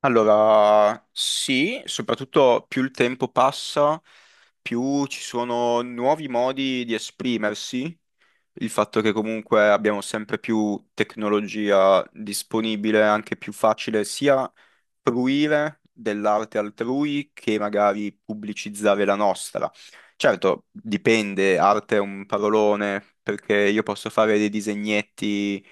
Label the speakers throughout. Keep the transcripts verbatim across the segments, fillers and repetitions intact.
Speaker 1: Allora, sì, soprattutto più il tempo passa, più ci sono nuovi modi di esprimersi. Il fatto che comunque abbiamo sempre più tecnologia disponibile, anche più facile sia fruire dell'arte altrui che magari pubblicizzare la nostra. Certo, dipende, arte è un parolone, perché io posso fare dei disegnetti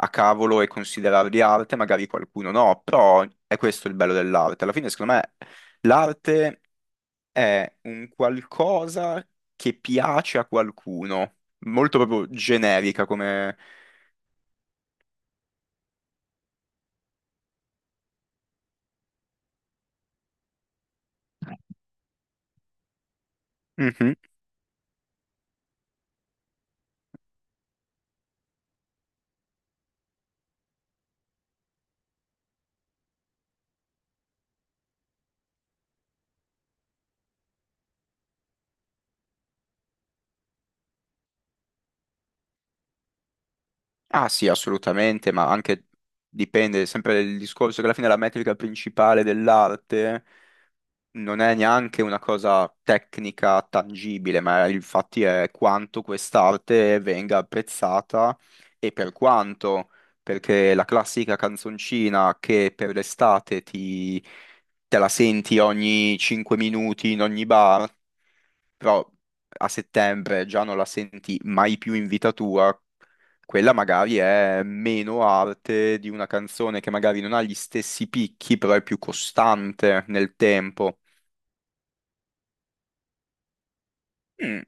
Speaker 1: a cavolo e considerare di arte, magari qualcuno no, però è questo il bello dell'arte. Alla fine, secondo me, l'arte è un qualcosa che piace a qualcuno, molto proprio generica come... Mhm. Ah sì, assolutamente, ma anche dipende sempre dal discorso che alla fine la metrica principale dell'arte non è neanche una cosa tecnica tangibile, ma infatti è quanto quest'arte venga apprezzata e per quanto, perché la classica canzoncina che per l'estate ti, te la senti ogni cinque minuti in ogni bar, però a settembre già non la senti mai più in vita tua. Quella magari è meno arte di una canzone che magari non ha gli stessi picchi, però è più costante nel tempo. Mm.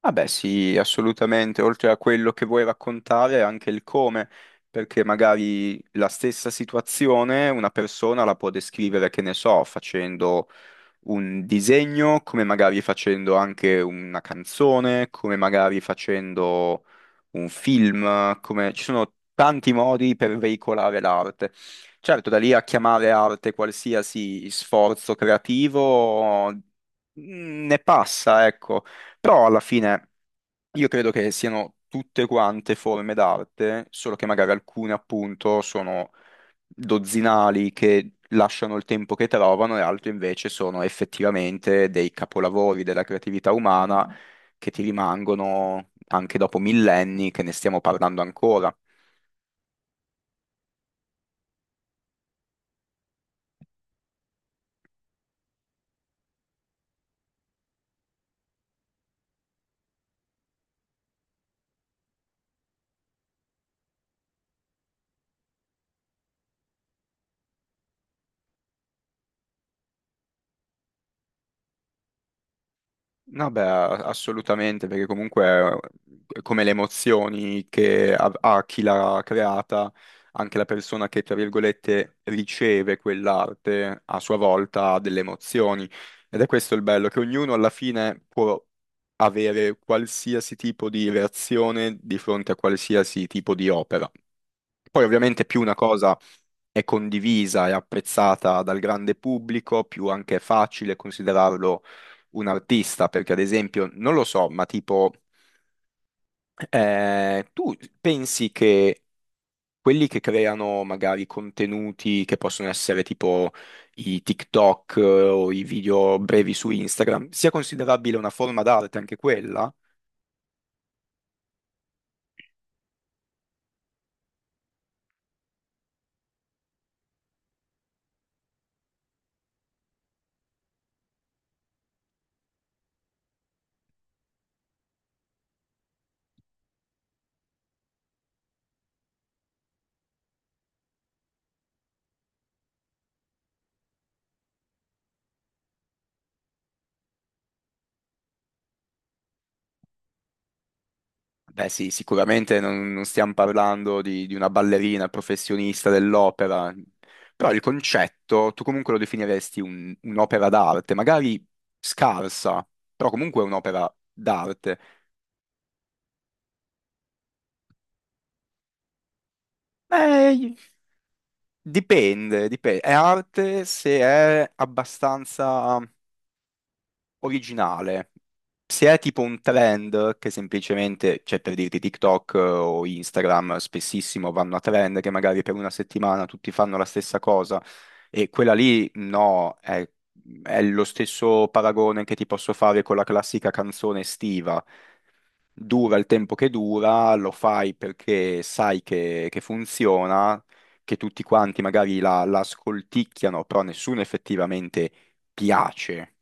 Speaker 1: Vabbè, sì, assolutamente. Oltre a quello che vuoi raccontare, anche il come, perché magari la stessa situazione una persona la può descrivere, che ne so, facendo un disegno, come magari facendo anche una canzone, come magari facendo un film, come... ci sono tanti modi per veicolare l'arte. Certo, da lì a chiamare arte qualsiasi sforzo creativo mh, ne passa, ecco, però alla fine io credo che siano tutte quante forme d'arte, solo che magari alcune appunto sono dozzinali che lasciano il tempo che trovano e altri invece sono effettivamente dei capolavori della creatività umana che ti rimangono anche dopo millenni che ne stiamo parlando ancora. No, beh, a- assolutamente, perché comunque eh, come le emozioni che ha, ha chi l'ha creata, anche la persona che, tra virgolette, riceve quell'arte a sua volta ha delle emozioni. Ed è questo il bello, che ognuno alla fine può avere qualsiasi tipo di reazione di fronte a qualsiasi tipo di opera. Poi ovviamente più una cosa è condivisa e apprezzata dal grande pubblico, più anche è facile considerarlo un artista, perché ad esempio, non lo so, ma tipo, eh, tu pensi che quelli che creano magari contenuti che possono essere tipo i TikTok eh, o i video brevi su Instagram, sia considerabile una forma d'arte anche quella? Beh sì, sicuramente non, non stiamo parlando di, di una ballerina professionista dell'opera, però il concetto tu comunque lo definiresti un- un'opera d'arte, magari scarsa, però comunque è un'opera d'arte. Eh, dipende, dipende. È arte se è abbastanza originale. Se è tipo un trend che semplicemente, cioè per dirti TikTok eh, o Instagram, spessissimo vanno a trend che magari per una settimana tutti fanno la stessa cosa e quella lì no, è, è lo stesso paragone che ti posso fare con la classica canzone estiva dura il tempo che dura, lo fai perché sai che, che funziona, che tutti quanti magari la, la ascolticchiano, però nessuno effettivamente piace.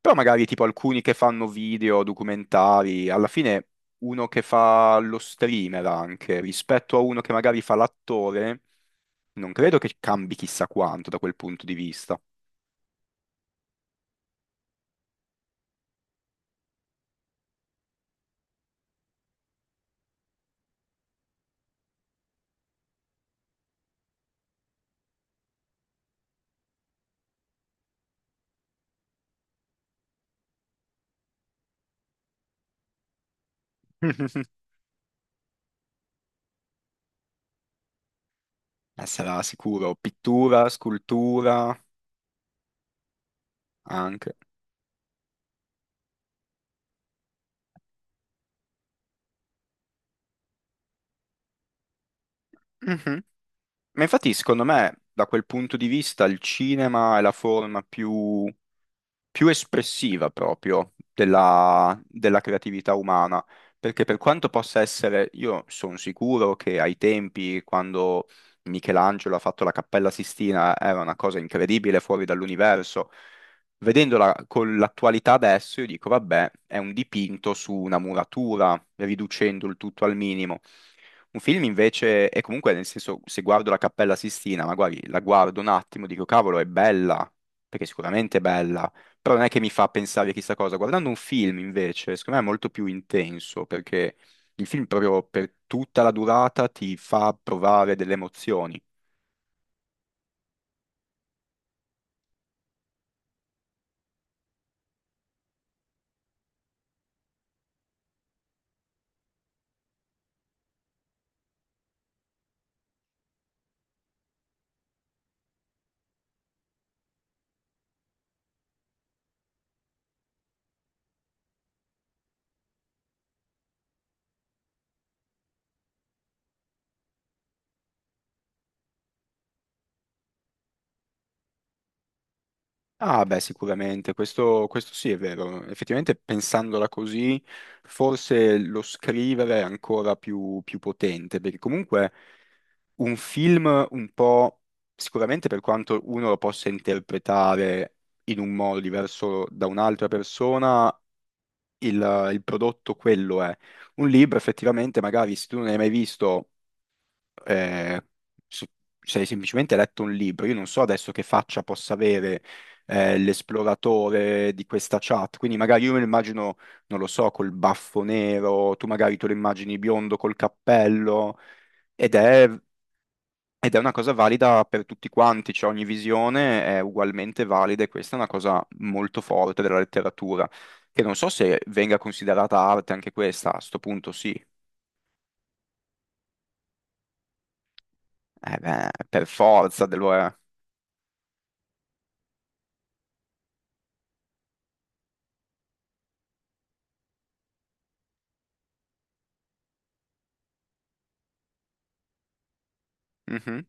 Speaker 1: Però magari tipo alcuni che fanno video, documentari, alla fine uno che fa lo streamer anche, rispetto a uno che magari fa l'attore, non credo che cambi chissà quanto da quel punto di vista. Eh, sarà sicuro pittura, scultura, anche. Mhm. Ma infatti, secondo me, da quel punto di vista, il cinema è la forma più più espressiva proprio della, della creatività umana, perché per quanto possa essere, io sono sicuro che ai tempi, quando Michelangelo ha fatto la Cappella Sistina, era una cosa incredibile fuori dall'universo. Vedendola con l'attualità adesso, io dico, vabbè, è un dipinto su una muratura, riducendo il tutto al minimo. Un film invece, e comunque nel senso, se guardo la Cappella Sistina, magari la guardo un attimo, dico, cavolo, è bella, perché sicuramente è bella, però non è che mi fa pensare a chissà cosa. Guardando un film, invece, secondo me è molto più intenso, perché il film proprio per tutta la durata ti fa provare delle emozioni. Ah, beh, sicuramente, questo, questo sì è vero. Effettivamente, pensandola così, forse lo scrivere è ancora più, più potente, perché comunque un film un po', sicuramente per quanto uno lo possa interpretare in un modo diverso da un'altra persona, il, il prodotto quello è. Un libro effettivamente, magari se tu non hai mai visto, eh, se se hai semplicemente letto un libro, io non so adesso che faccia possa avere eh, l'esploratore di questa chat, quindi magari io me lo immagino, non lo so, col baffo nero, tu magari te lo immagini biondo col cappello, ed è ed è una cosa valida per tutti quanti, cioè ogni visione è ugualmente valida e questa è una cosa molto forte della letteratura, che non so se venga considerata arte anche questa, a sto punto sì, eh beh, per forza de- lo è. Mhm,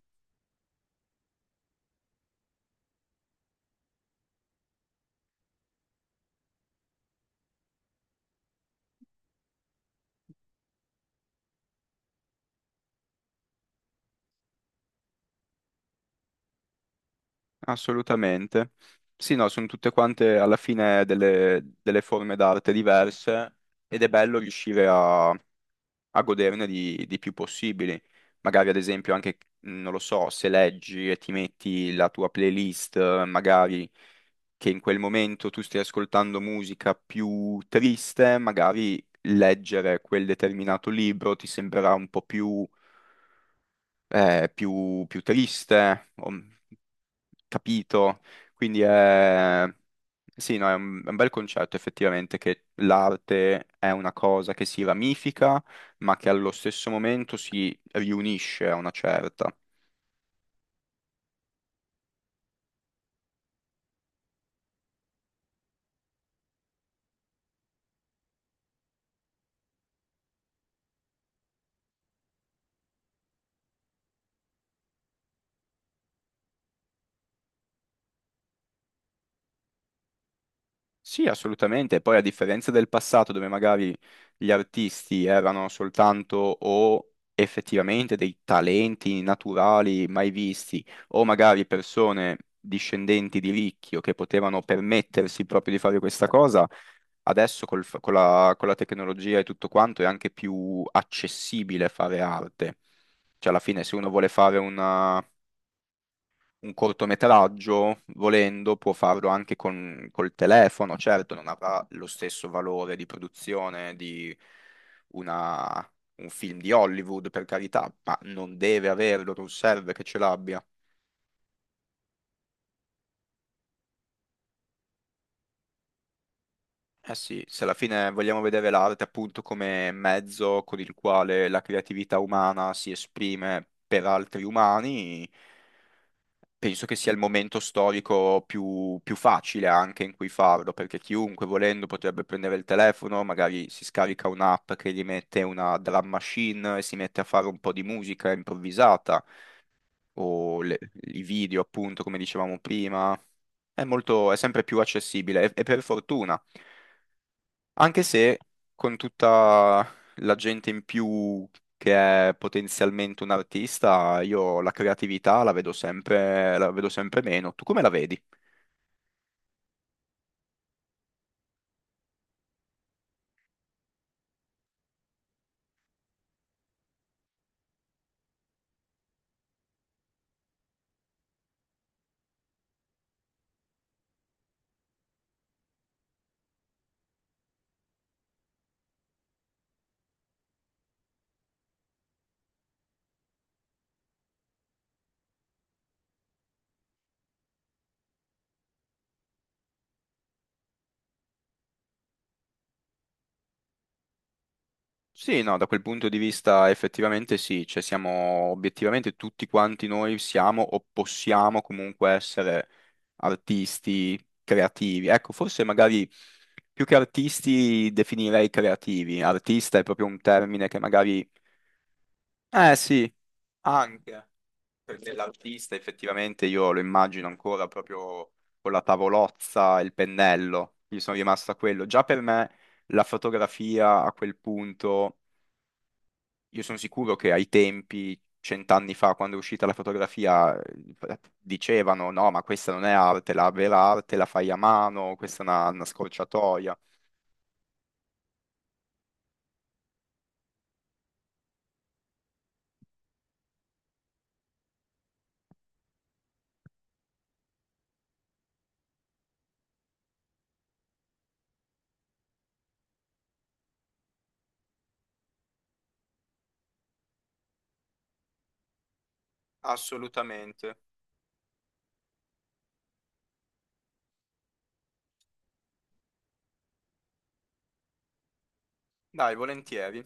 Speaker 1: assolutamente. Sì, no, sono tutte quante alla fine delle, delle forme d'arte diverse ed è bello riuscire a a goderne di, di più possibili. Magari ad esempio anche, non lo so, se leggi e ti metti la tua playlist, eh, magari che in quel momento tu stai ascoltando musica più triste, magari leggere quel determinato libro ti sembrerà un po' più, eh, più, più triste. O- Capito? Quindi è... Sì, no, è un, è un bel concetto effettivamente che l'arte è una cosa che si ramifica, ma che allo stesso momento si riunisce a una certa. Sì, assolutamente. Poi a differenza del passato, dove magari gli artisti erano soltanto o effettivamente dei talenti naturali mai visti, o magari persone discendenti di ricchi o che potevano permettersi proprio di fare questa cosa, adesso col fa- con la, con la tecnologia e tutto quanto è anche più accessibile fare arte. Cioè, alla fine, se uno vuole fare una- un cortometraggio, volendo, può farlo anche con, col telefono. Certo, non avrà lo stesso valore di produzione di una- un film di Hollywood, per carità, ma non deve averlo, non serve che ce l'abbia. Eh sì, se alla fine vogliamo vedere l'arte appunto come mezzo con il quale la creatività umana si esprime per altri umani, penso che sia il momento storico più, più facile anche in cui farlo, perché chiunque volendo potrebbe prendere il telefono, magari si scarica un'app che gli mette una drum machine e si mette a fare un po' di musica improvvisata, o le- i video appunto, come dicevamo prima. È molto, è sempre più accessibile e e per fortuna. Anche se con tutta la gente in più che è potenzialmente un artista, io la creatività la vedo sempre, la vedo sempre meno. Tu come la vedi? Sì, no, da quel punto di vista effettivamente sì, cioè siamo obiettivamente tutti quanti noi siamo o possiamo comunque essere artisti creativi. Ecco, forse magari più che artisti definirei creativi. Artista è proprio un termine che magari... Eh sì, anche. Perché l'artista effettivamente io lo immagino ancora proprio con la tavolozza e il pennello, io sono rimasto a quello. Già per me la fotografia a quel punto, io sono sicuro che ai tempi, cent'anni fa, quando è uscita la fotografia, eh, dicevano no, ma questa non è arte, la vera arte la fai a mano, questa è una, una scorciatoia. Assolutamente. Dai, volentieri.